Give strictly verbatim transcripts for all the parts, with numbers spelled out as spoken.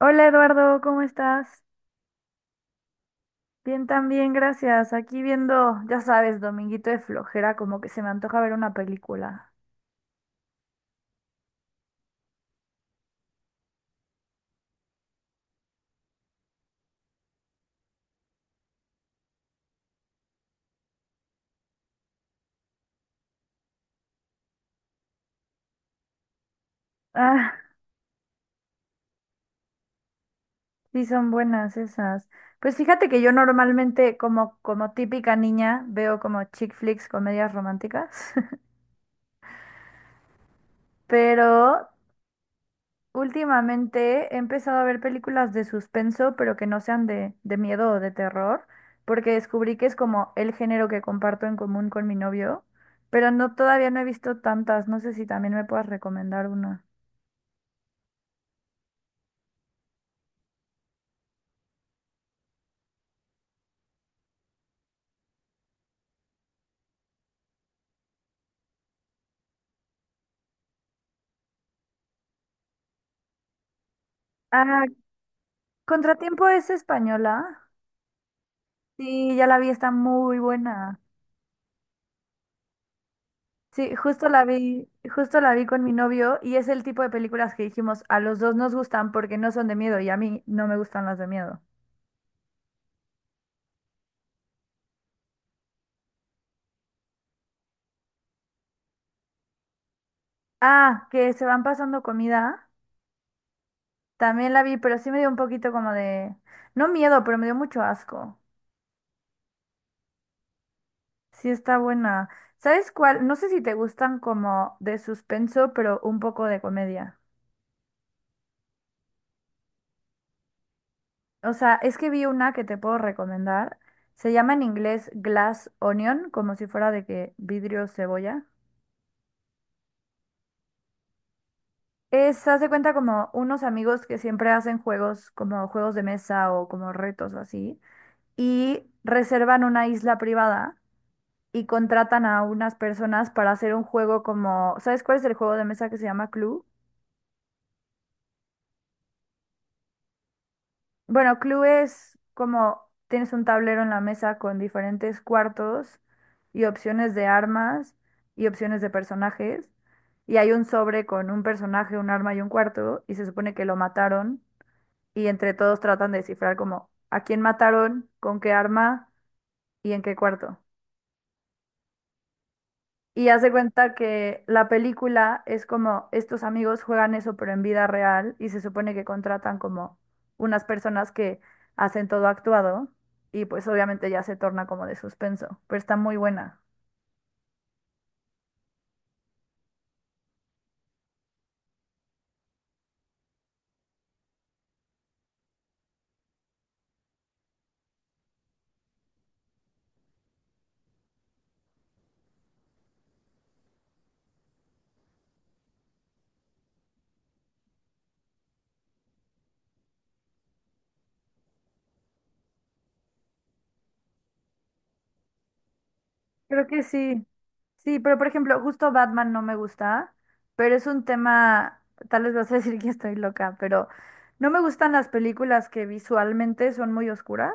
Hola Eduardo, ¿cómo estás? Bien, también, gracias. Aquí viendo, ya sabes, Dominguito de flojera, como que se me antoja ver una película. Ah, sí, son buenas esas. Pues fíjate que yo normalmente, como, como típica niña, veo como chick flicks, comedias románticas, pero últimamente he empezado a ver películas de suspenso, pero que no sean de, de miedo o de terror, porque descubrí que es como el género que comparto en común con mi novio, pero no, todavía no he visto tantas, no sé si también me puedas recomendar una. Ah, Contratiempo es española. Sí, ya la vi, está muy buena. Sí, justo la vi, justo la vi con mi novio y es el tipo de películas que dijimos, a los dos nos gustan porque no son de miedo y a mí no me gustan las de miedo. Ah, que se van pasando comida. También la vi, pero sí me dio un poquito como de, no miedo, pero me dio mucho asco. Sí, está buena. ¿Sabes cuál? No sé si te gustan como de suspenso, pero un poco de comedia. O sea, es que vi una que te puedo recomendar. Se llama en inglés Glass Onion, como si fuera de que vidrio cebolla. Es, haz de cuenta como unos amigos que siempre hacen juegos, como juegos de mesa o como retos o así, y reservan una isla privada y contratan a unas personas para hacer un juego como, ¿sabes cuál es el juego de mesa que se llama Clue? Bueno, Clue es como tienes un tablero en la mesa con diferentes cuartos y opciones de armas y opciones de personajes y hay un sobre con un personaje, un arma y un cuarto y se supone que lo mataron y entre todos tratan de descifrar como a quién mataron, con qué arma y en qué cuarto. Y hace cuenta que la película es como estos amigos juegan eso pero en vida real y se supone que contratan como unas personas que hacen todo actuado y pues obviamente ya se torna como de suspenso, pero está muy buena. Creo que sí. Sí, pero por ejemplo, justo Batman no me gusta, pero es un tema, tal vez vas a decir que estoy loca, pero no me gustan las películas que visualmente son muy oscuras.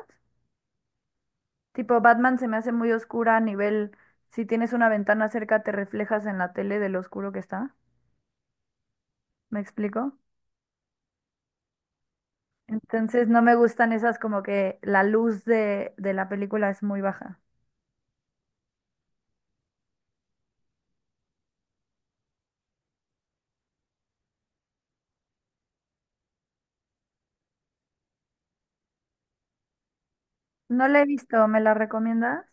Tipo, Batman se me hace muy oscura a nivel, si tienes una ventana cerca, te reflejas en la tele de lo oscuro que está. ¿Me explico? Entonces no me gustan esas como que la luz de, de la película es muy baja. No la he visto, ¿me la recomiendas?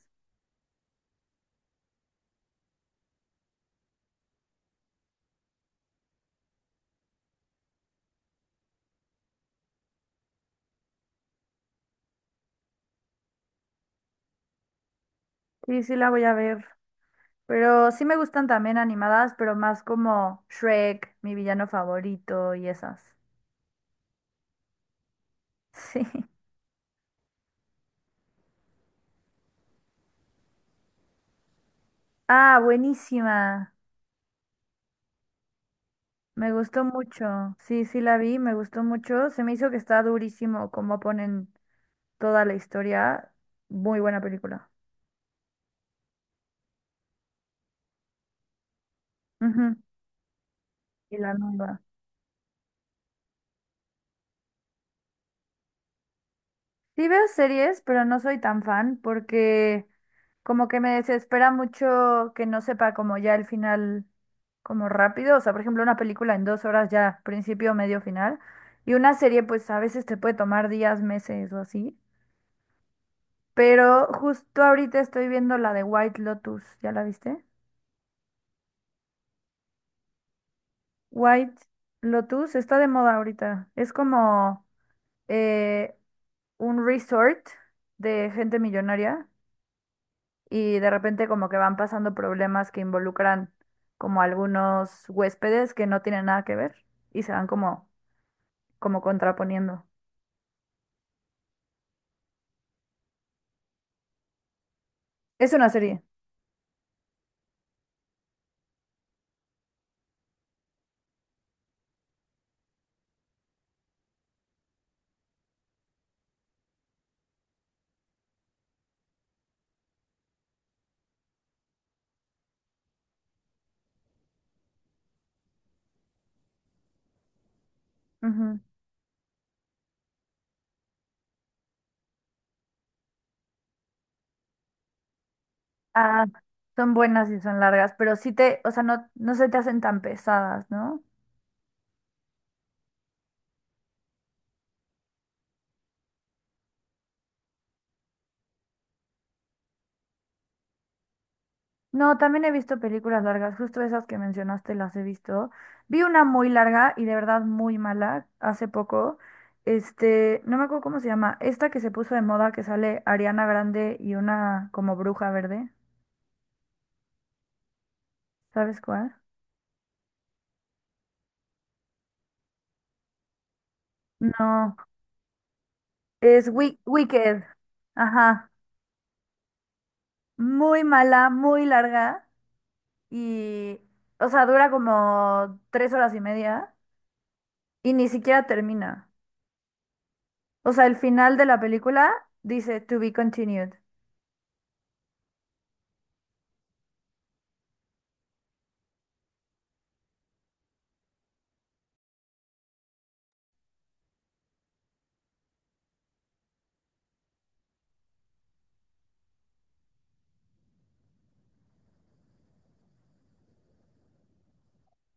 Sí, sí la voy a ver. Pero sí me gustan también animadas, pero más como Shrek, mi villano favorito y esas. Sí. Ah, buenísima. Me gustó mucho. Sí, sí la vi, me gustó mucho. Se me hizo que está durísimo como ponen toda la historia. Muy buena película. Ujú, y la nueva. Sí veo series, pero no soy tan fan porque como que me desespera mucho que no sepa como ya el final como rápido. O sea, por ejemplo, una película en dos horas ya, principio, medio, final. Y una serie pues a veces te puede tomar días, meses o así. Pero justo ahorita estoy viendo la de White Lotus. ¿Ya la viste? White Lotus está de moda ahorita. Es como... eh, un resort de gente millonaria y de repente como que van pasando problemas que involucran como algunos huéspedes que no tienen nada que ver y se van como, como contraponiendo. Es una serie. Ujú. Ah, son buenas y son largas, pero sí te, o sea, no, no se te hacen tan pesadas, ¿no? No, también he visto películas largas, justo esas que mencionaste las he visto. Vi una muy larga y de verdad muy mala hace poco. Este, no me acuerdo cómo se llama, esta que se puso de moda que sale Ariana Grande y una como bruja verde. ¿Sabes cuál? No, es Wi- Wicked. Ajá. Muy mala, muy larga y, o sea, dura como tres horas y media y ni siquiera termina. O sea, el final de la película dice to be continued.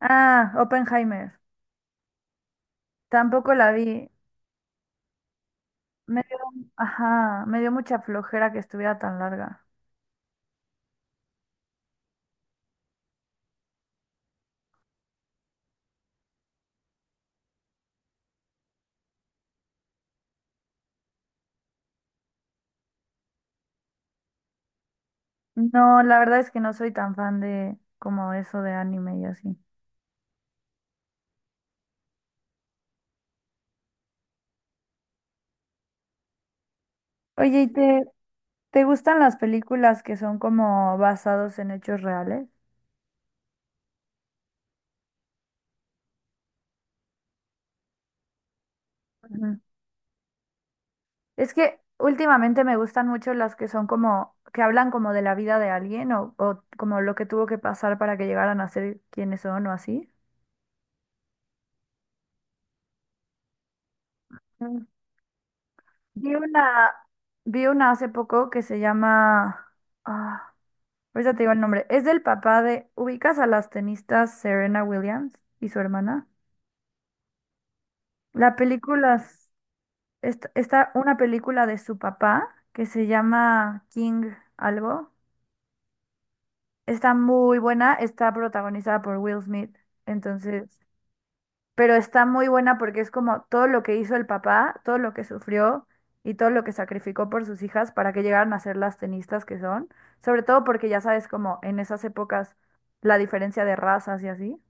Ah, Oppenheimer. Tampoco la vi. Me dio, ajá, me dio mucha flojera que estuviera tan larga. No, la verdad es que no soy tan fan de como eso de anime y así. Oye, ¿y te, ¿te gustan las películas que son como basados en hechos reales? Ujú. Es que últimamente me gustan mucho las que son como, que hablan como de la vida de alguien o, o como lo que tuvo que pasar para que llegaran a ser quienes son o así. Vi una, vi una hace poco que se llama. Ah, ahorita te digo el nombre. Es del papá de. ¿Ubicas a las tenistas Serena Williams y su hermana? La película es... Está, está una película de su papá que se llama King algo. Está muy buena. Está protagonizada por Will Smith. Entonces, pero está muy buena porque es como todo lo que hizo el papá, todo lo que sufrió y todo lo que sacrificó por sus hijas para que llegaran a ser las tenistas que son, sobre todo porque ya sabes como en esas épocas la diferencia de razas y así.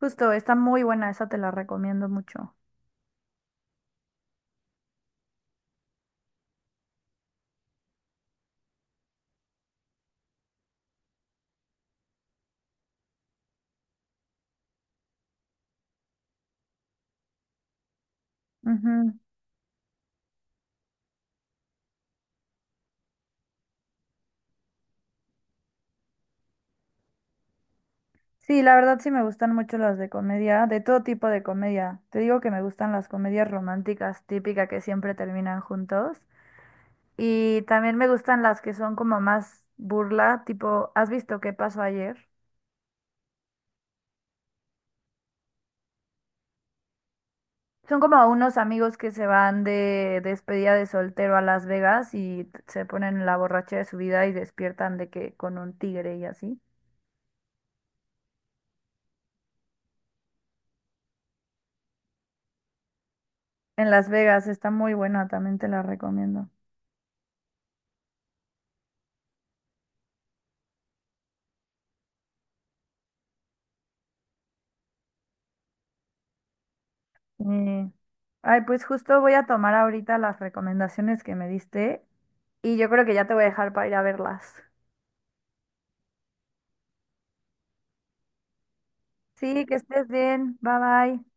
Justo, está muy buena, esa te la recomiendo mucho. Ujú. Sí, la verdad sí me gustan mucho las de comedia, de todo tipo de comedia. Te digo que me gustan las comedias románticas típicas que siempre terminan juntos. Y también me gustan las que son como más burla, tipo, ¿has visto Qué Pasó Ayer? Son como unos amigos que se van de despedida de soltero a Las Vegas y t- se ponen en la borracha de su vida y despiertan de que con un tigre y así. En Las Vegas, está muy buena, también te la recomiendo. Eh, Ay, pues justo voy a tomar ahorita las recomendaciones que me diste y yo creo que ya te voy a dejar para ir a verlas. Sí, que estés bien. Bye bye.